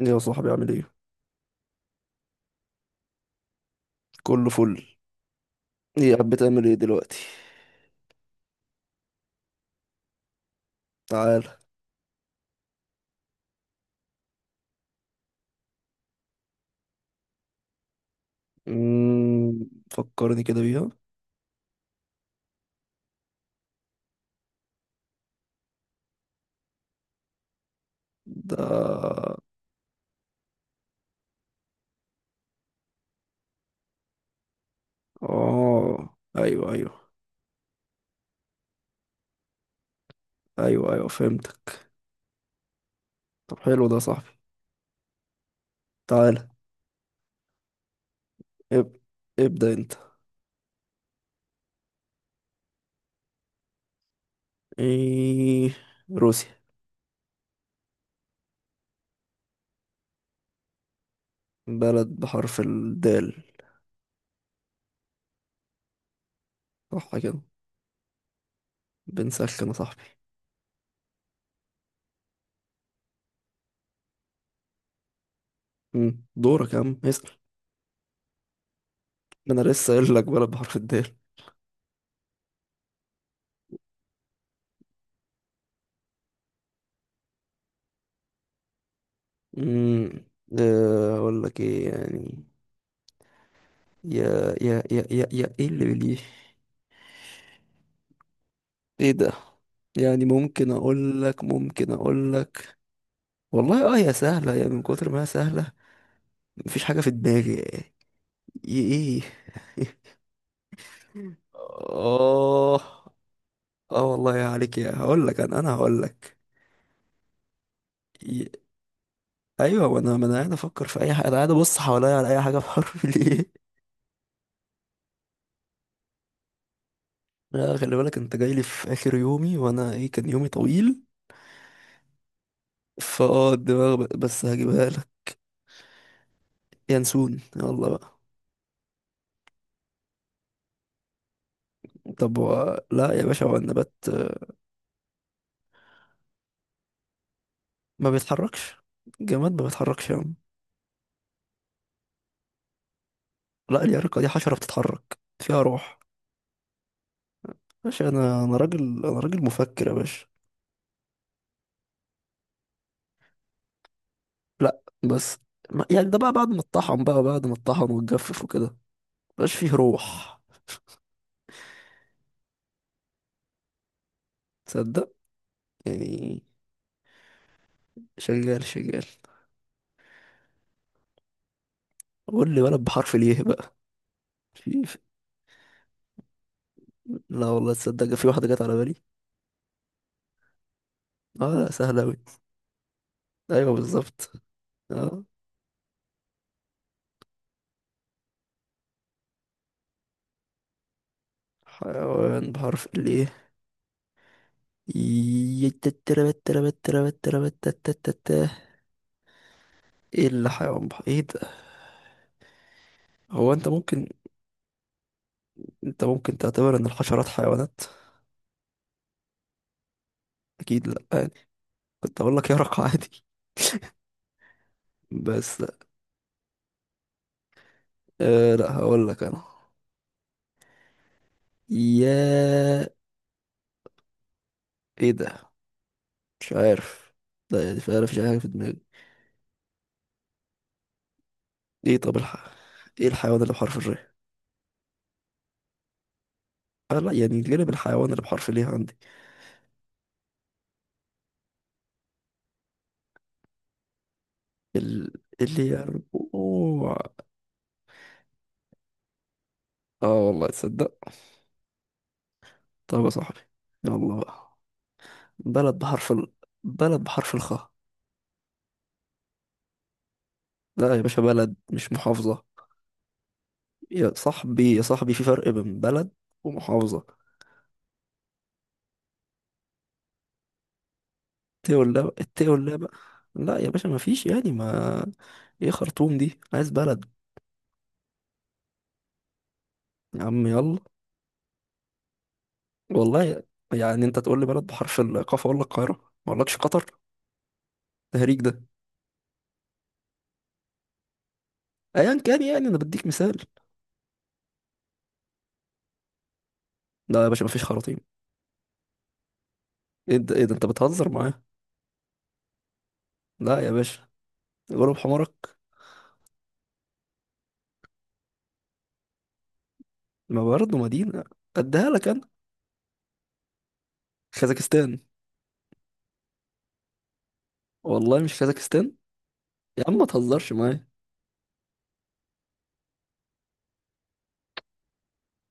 ايه يا صاحبي، عامل ايه؟ كله فل. ايه، قاعد بتعمل ايه دلوقتي؟ تعال. فكرني كده بيها. ده. اه، ايوه ايوه ايوه ايوه، فهمتك. طب حلو ده يا صاحبي. تعال. اب... ابدأ انت. ايه؟ روسيا. بلد بحرف الدال. صح كده. بنسخن يا صاحبي. دورك يا عم، اسأل. ما انا لسه قايل لك بلد بحرف الدال. امم اقول لك ايه يعني؟ يا يا يا يا يا، ايه اللي بليه؟ ايه ده؟ يعني ممكن اقول لك. والله هي سهله، يا من كتر ما هي سهله. مفيش حاجه في دماغي. ايه؟ اه. اه والله، يا عليك، يا هقول لك، انا هقول لك. ي- ايوه، ما انا قاعد افكر في اي حاجه، انا قاعد ابص حواليا على اي حاجه بحرف ليه. لا خلي بالك، انت جاي لي في اخر يومي، وانا ايه، كان يومي طويل. فاه الدماغ، بس هجيبها لك. ينسون، يلا بقى. طب لا يا باشا هو النبات، ما بيتحركش. الجماد ما بيتحركش يا عم. لا، اليرقة دي حشرة بتتحرك فيها روح. يا باشا، انا راجل. انا راجل مفكر يا باشا. لا بس. ما... يعني ده بقى بعد ما اتطحن واتجفف وكده، مبقاش فيه روح. تصدق؟ يعني شغال شغال. قول لي بلد بحرف ليه بقى. في في- لا والله تصدق، في واحدة جت على بالي. اه لا، سهلة أوي. ايوه بالظبط. اه. حيوان بحرف ليه. يتتربتربتربتربتتتتت. ايه اللي حيوان بحر ايه ده؟ هو انت ممكن انت ممكن تعتبر ان الحشرات حيوانات؟ اكيد لا يعني. كنت اقول لك يرق عادي. بس لا. لا هقول لك انا. يا. ايه ده؟ مش عارف. لا يعني فعلا مفيش اي حاجه في دماغي. ايه، ايه الحيوان اللي بحرف الر؟ لا يعني، غالب، الحيوان اللي بحرف ليه عندي. ال... اللي يعني. أوه. اه والله تصدق. طب يا صاحبي، يلا بقى. بلد بحرف ال... بلد بحرف الخاء. لا يا باشا، بلد مش محافظة. يا صاحبي يا صاحبي، في فرق بين بلد ومحافظة. التقل لا، التقل لا بقى. لا يا باشا، ما فيش يعني ما ايه خرطوم دي، عايز بلد. يا عم يلا. والله يعني انت تقول لي بلد بحرف القاف اقول لك القاهرة، ما اقولكش قطر. تهريج ده. ايا كان، يعني انا بديك مثال. لا يا باشا ما فيش خراطيم. ايه ده ايه ده، انت بتهزر معايا؟ لا يا باشا، غلب حمارك. ما برضه مدينة، اديها لك انا. خازكستان. والله مش كازاخستان. يا عم ما تهزرش معايا.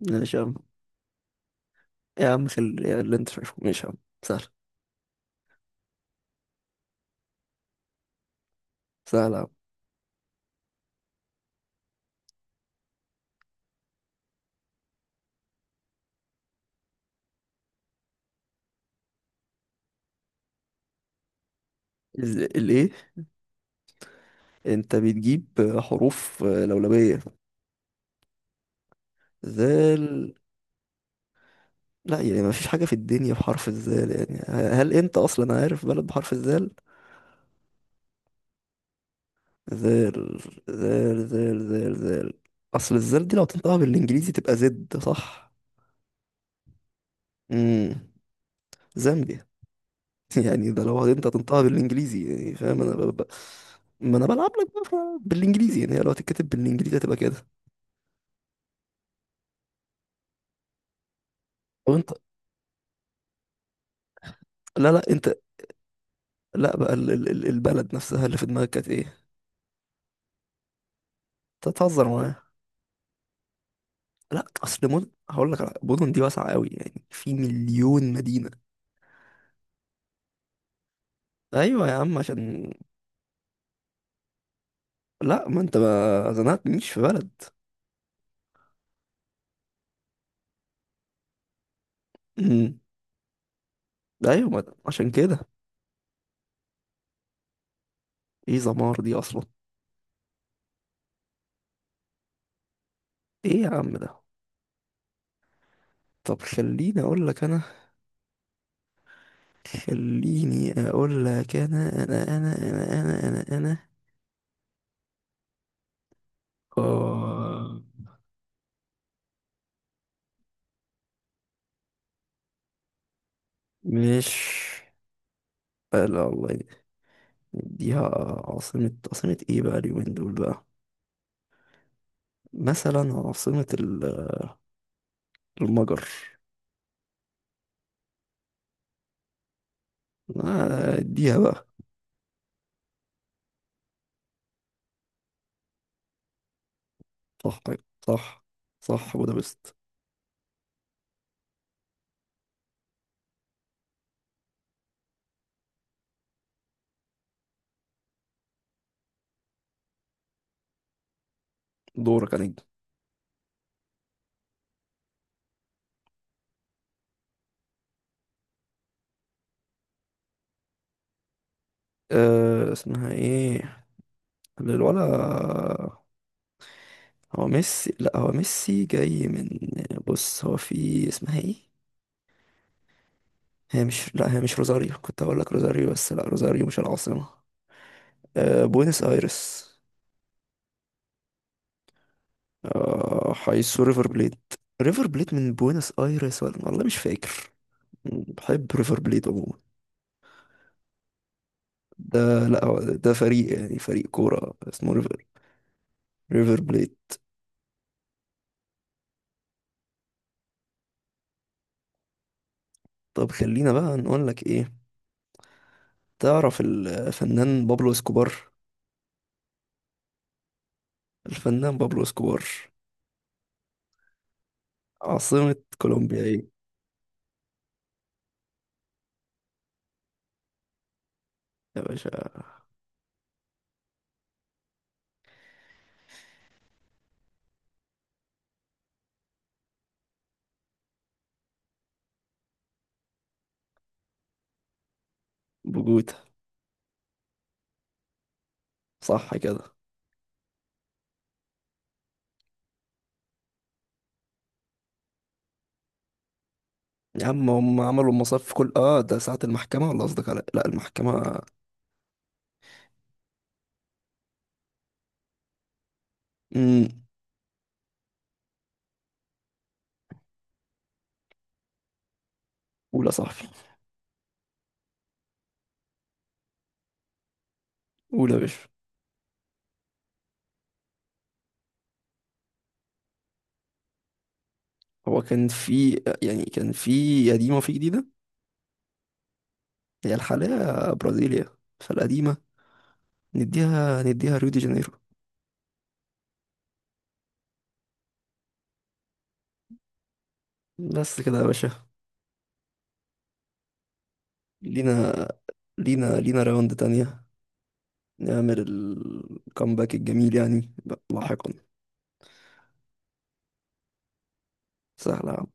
ماشي يا عم. يا عم خل يا اللي انت شايفه، ماشي يا عم. سهل. سهل يا عم. الايه؟ انت بتجيب حروف لولبية. زال. لا يعني، ما فيش حاجة في الدنيا بحرف الزال، يعني هل انت اصلا عارف بلد بحرف الزال؟ زال زال زال زال زال. اصل الزال دي لو تنطقها بالانجليزي تبقى زد، صح؟ امم زامبيا. يعني ده لو انت هتنطقها بالانجليزي، يعني فاهم، انا ما انا بلعب لك بقى بالانجليزي، يعني هي لو هتتكتب بالانجليزي هتبقى كده. وانت. لا لا انت. لا بقى البلد نفسها اللي في دماغك كانت ايه؟ انت بتهزر معايا. لا اصل هقول لك مدن دي واسعه قوي، يعني في مليون مدينه. ايوه يا عم عشان. لا، ما انت ما زنقتنيش في بلد. امم. ايوه، ما... عشان كده. ايه زمار دي اصلا؟ ايه يا عم ده. طب خليني اقول لك انا. خليني اقول لك انا. اه. مش. لا الله. اديها. عاصمة ايه بقى اليومين دول بقى؟ مثلا عاصمة ال- المجر. اديها بقى. صح صح صح، بودابست. دورك عليك. أه، اسمها ايه؟ الولا. هو ميسي، لا هو ميسي جاي من، بص هو في اسمها ايه؟ هي مش لا هي مش روزاريو، كنت هقول لك روزاريو، بس لا روزاريو مش العاصمة. آه بوينس ايرس. آه، حيث ريفر بليد. ريفر بليد من بوينس ايرس ولا؟ والله مش فاكر. بحب ريفر بليد عموما. ده. لا هو ده فريق، يعني فريق كورة اسمه ريفر، ريفر بليد. طب خلينا بقى نقول لك ايه. تعرف الفنان بابلو اسكوبار؟ الفنان بابلو اسكوبار. عاصمة كولومبيا ايه؟ يا باشا. بوجوتا. صح كده. يا عم هم عملوا المصاف في كل، ده ساعة المحكمة، ولا قصدك على، لا، المحكمة. امم. أولى صاحبي. أولى يا باشا. هو كان في، يعني كان في قديمة وفي جديدة. هي الحالية برازيليا، فالقديمة نديها ريو دي جانيرو. بس كده يا باشا. لينا. لينا لينا راوند تانية، نعمل الكامباك الجميل يعني. لاحقا. سهلة يا عم.